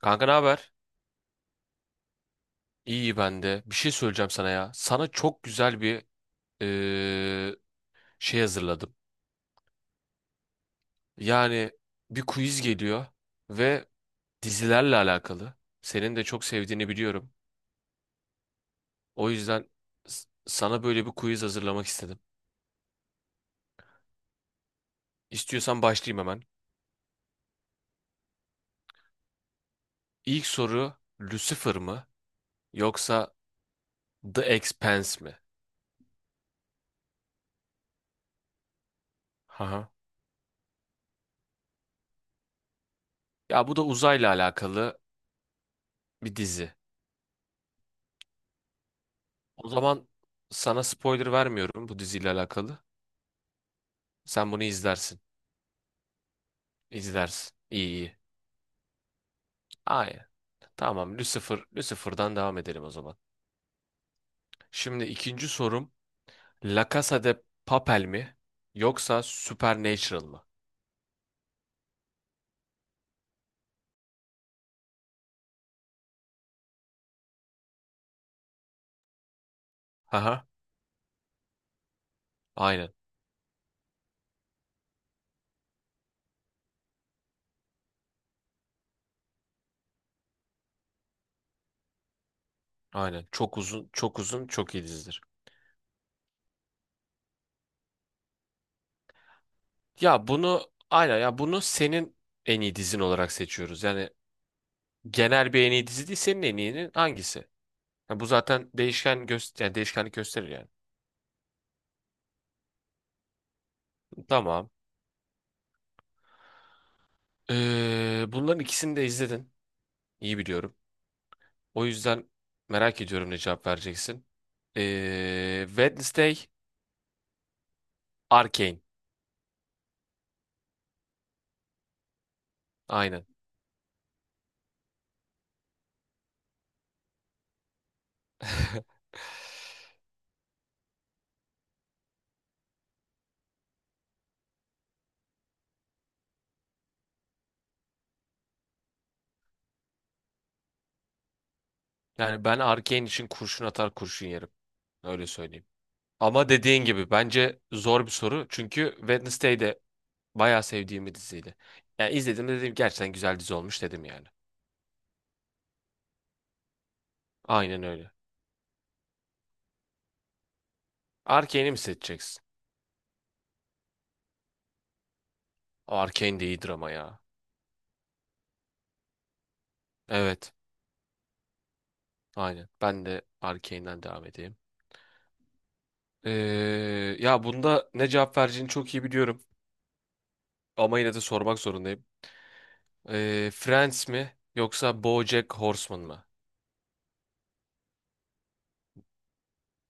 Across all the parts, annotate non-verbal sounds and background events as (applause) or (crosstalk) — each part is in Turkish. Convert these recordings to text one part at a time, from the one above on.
Kanka, ne haber? İyi ben de. Bir şey söyleyeceğim sana ya. Sana çok güzel bir eee, şey hazırladım. Yani bir quiz geliyor ve dizilerle alakalı. Senin de çok sevdiğini biliyorum. O yüzden sana böyle bir quiz hazırlamak istedim. İstiyorsan başlayayım hemen. İlk soru Lucifer mı yoksa The Expanse mi? Haha. Ya bu da uzayla alakalı bir dizi. O zaman sana spoiler vermiyorum bu diziyle alakalı. Sen bunu izlersin. İzlersin. İyi iyi. Aynen. Tamam. Lucifer, Lucifer'dan devam edelim o zaman. Şimdi ikinci sorum La Casa de Papel mi yoksa Supernatural mı? Aha. Aynen. Aynen. Çok uzun, çok uzun, çok iyi dizidir. Ya bunu aynen, ya bunu senin en iyi dizin olarak seçiyoruz. Yani genel bir en iyi dizi değil, senin en iyinin hangisi? Ya bu zaten değişken göster yani değişkenlik gösterir yani. Tamam. Bunların ikisini de izledin. İyi biliyorum. O yüzden merak ediyorum ne cevap vereceksin. Wednesday, Arcane. Aynen. (laughs) Yani ben Arcane için kurşun atar, kurşun yerim. Öyle söyleyeyim. Ama dediğin gibi bence zor bir soru. Çünkü Wednesday de bayağı sevdiğim bir diziydi. Yani izledim de dedim gerçekten güzel dizi olmuş dedim yani. Aynen öyle. Arcane'i mi seçeceksin? O Arcane de iyidir ama ya. Evet. Aynen. Ben de Arcane'den devam edeyim. Ee, ya bunda ne cevap vereceğini çok iyi biliyorum. Ama yine de sormak zorundayım. Friends mi yoksa BoJack Horseman mı?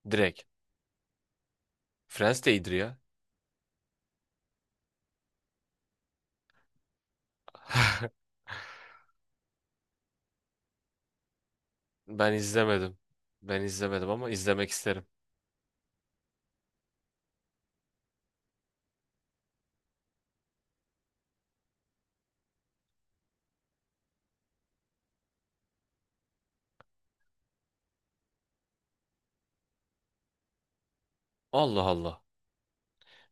Direkt. Friends de iyidir ya. (laughs) Ben izlemedim. Ben izlemedim ama izlemek isterim. Allah Allah.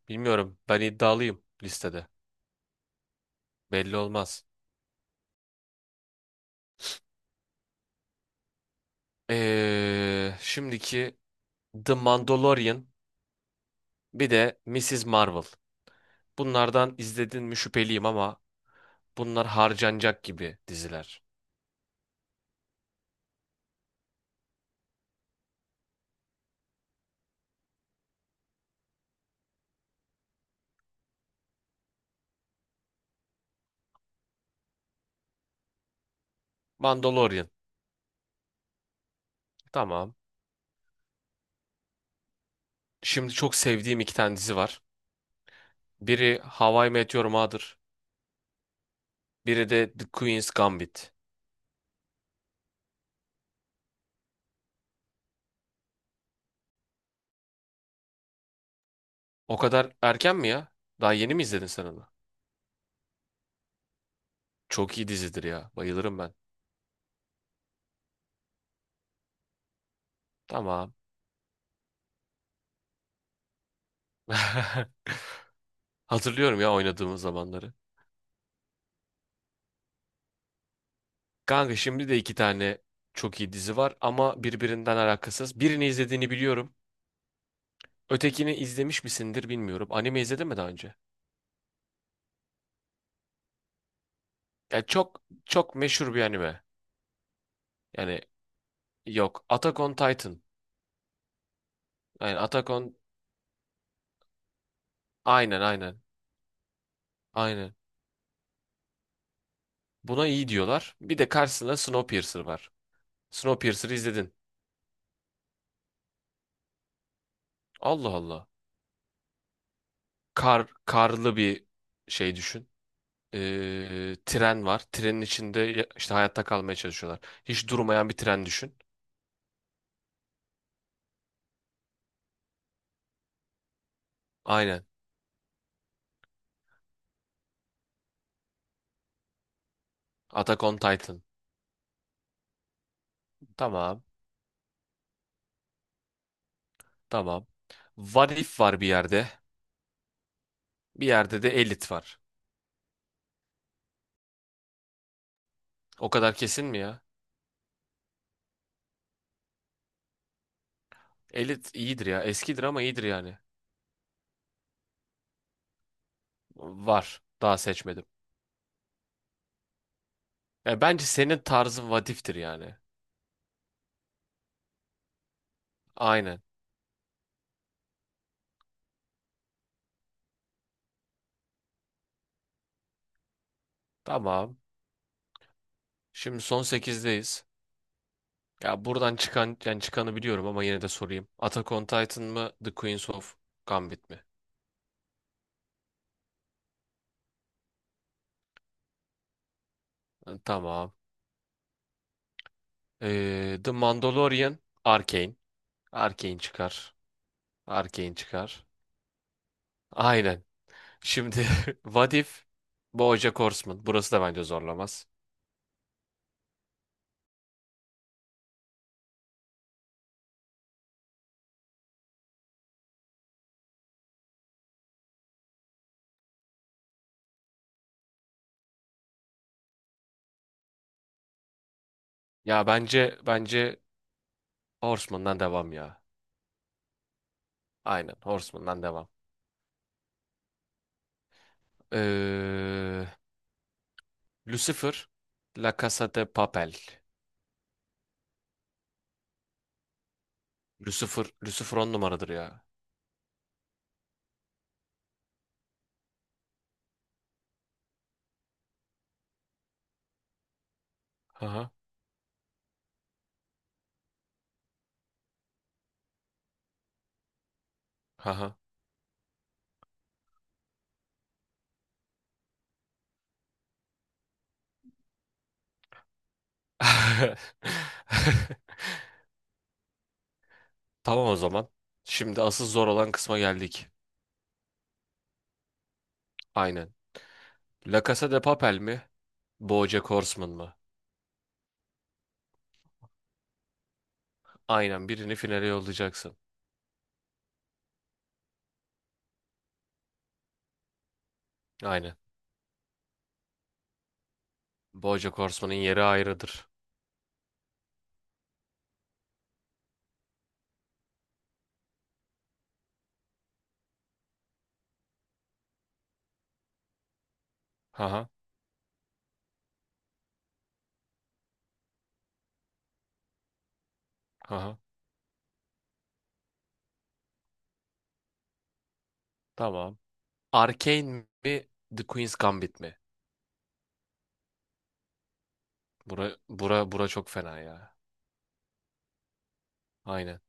Bilmiyorum. Ben iddialıyım listede. Belli olmaz. Şimdiki The Mandalorian, bir de Mrs. Marvel. Bunlardan izledin mi şüpheliyim ama bunlar harcanacak gibi diziler. Mandalorian. Tamam. Şimdi çok sevdiğim iki tane dizi var. Biri How I Met Your Mother. Biri de The Queen's Gambit. O kadar erken mi ya? Daha yeni mi izledin sen onu? Çok iyi dizidir ya. Bayılırım ben. Tamam. (laughs) Hatırlıyorum ya oynadığımız zamanları. Kanka, şimdi de iki tane çok iyi dizi var ama birbirinden alakasız. Birini izlediğini biliyorum. Ötekini izlemiş misindir bilmiyorum. Anime izledin mi daha önce? Ya çok çok meşhur bir anime. Yani yok. Attack on Titan. Yani Attack on... Aynen aynen. Aynen. Buna iyi diyorlar. Bir de karşısında Snowpiercer var. Snowpiercer'ı izledin. Allah Allah. Karlı bir şey düşün. Tren var. Trenin içinde işte hayatta kalmaya çalışıyorlar. Hiç durmayan bir tren düşün. Aynen. Attack on Titan. Tamam. Tamam. What If var bir yerde. Bir yerde de Elite var. O kadar kesin mi ya? Elite iyidir ya. Eskidir ama iyidir yani. Var. Daha seçmedim. Ya bence senin tarzın What If'tir yani. Aynen. Tamam. Şimdi son sekizdeyiz. Ya buradan çıkan, yani çıkanı biliyorum ama yine de sorayım. Attack on Titan mı, The Queens of Gambit mi? Ha, tamam. The Mandalorian, Arcane. Arcane çıkar. Arcane çıkar. Aynen. Şimdi (laughs) What If, BoJack Horseman. Burası da bence zorlamaz. Ya bence Horseman'dan devam ya. Aynen Horseman'dan devam. Ee, Lucifer, La Casa de Papel. Lucifer, Lucifer on numaradır ya. Aha. Haha. (laughs) Tamam o zaman. Şimdi asıl zor olan kısma geldik. Aynen. La Casa de Papel mi? BoJack Horseman mı? Aynen, birini finale yollayacaksın. Aynen. BoJack Horseman'ın yeri ayrıdır. Haha. Haha. Tamam. Arcane mi? The Queen's Gambit mi? Bura çok fena ya. Aynen.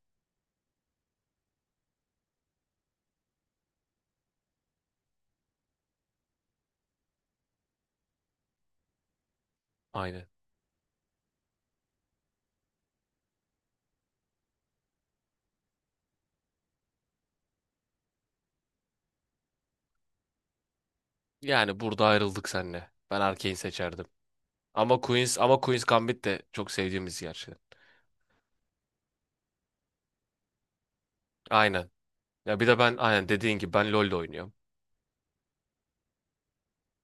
Aynen. Yani burada ayrıldık seninle. Ben Arcane seçerdim. Ama ama Queen's Gambit de çok sevdiğimiz gerçekten. Aynen. Ya bir de ben aynen dediğin gibi ben LoL'de oynuyorum.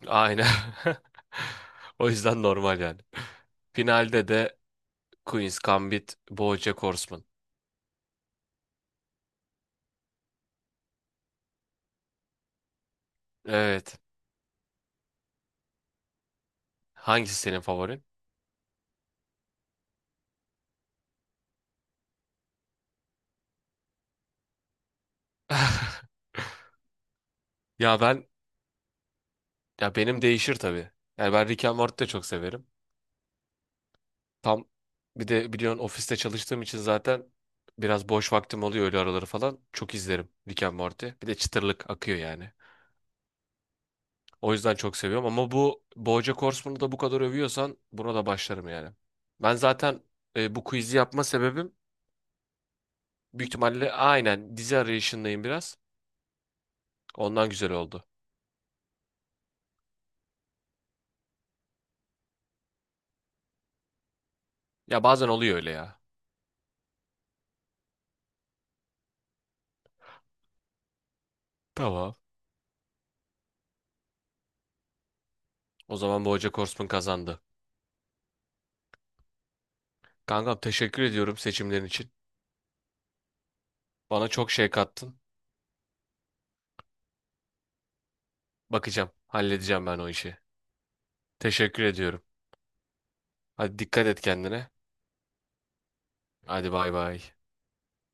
Aynen. (laughs) O yüzden normal yani. Finalde de Queen's Gambit, BoJack Horseman. Evet. Hangisi senin favorin? (laughs) Ya ben ya benim değişir tabii. Yani ben Rick and Morty'yi de çok severim. Tam bir de biliyorsun ofiste çalıştığım için zaten biraz boş vaktim oluyor, öyle araları falan. Çok izlerim Rick and Morty. Bir de çıtırlık akıyor yani. O yüzden çok seviyorum ama bu BoJack Horseman'ı da bu kadar övüyorsan buna da başlarım yani. Ben zaten bu quiz'i yapma sebebim büyük ihtimalle aynen dizi arayışındayım biraz. Ondan güzel oldu. Ya bazen oluyor öyle ya. Tamam. O zaman BoJack Horseman kazandı. Kankam, teşekkür ediyorum seçimlerin için. Bana çok şey kattın. Bakacağım, halledeceğim ben o işi. Teşekkür ediyorum. Hadi dikkat et kendine. Hadi bay bay.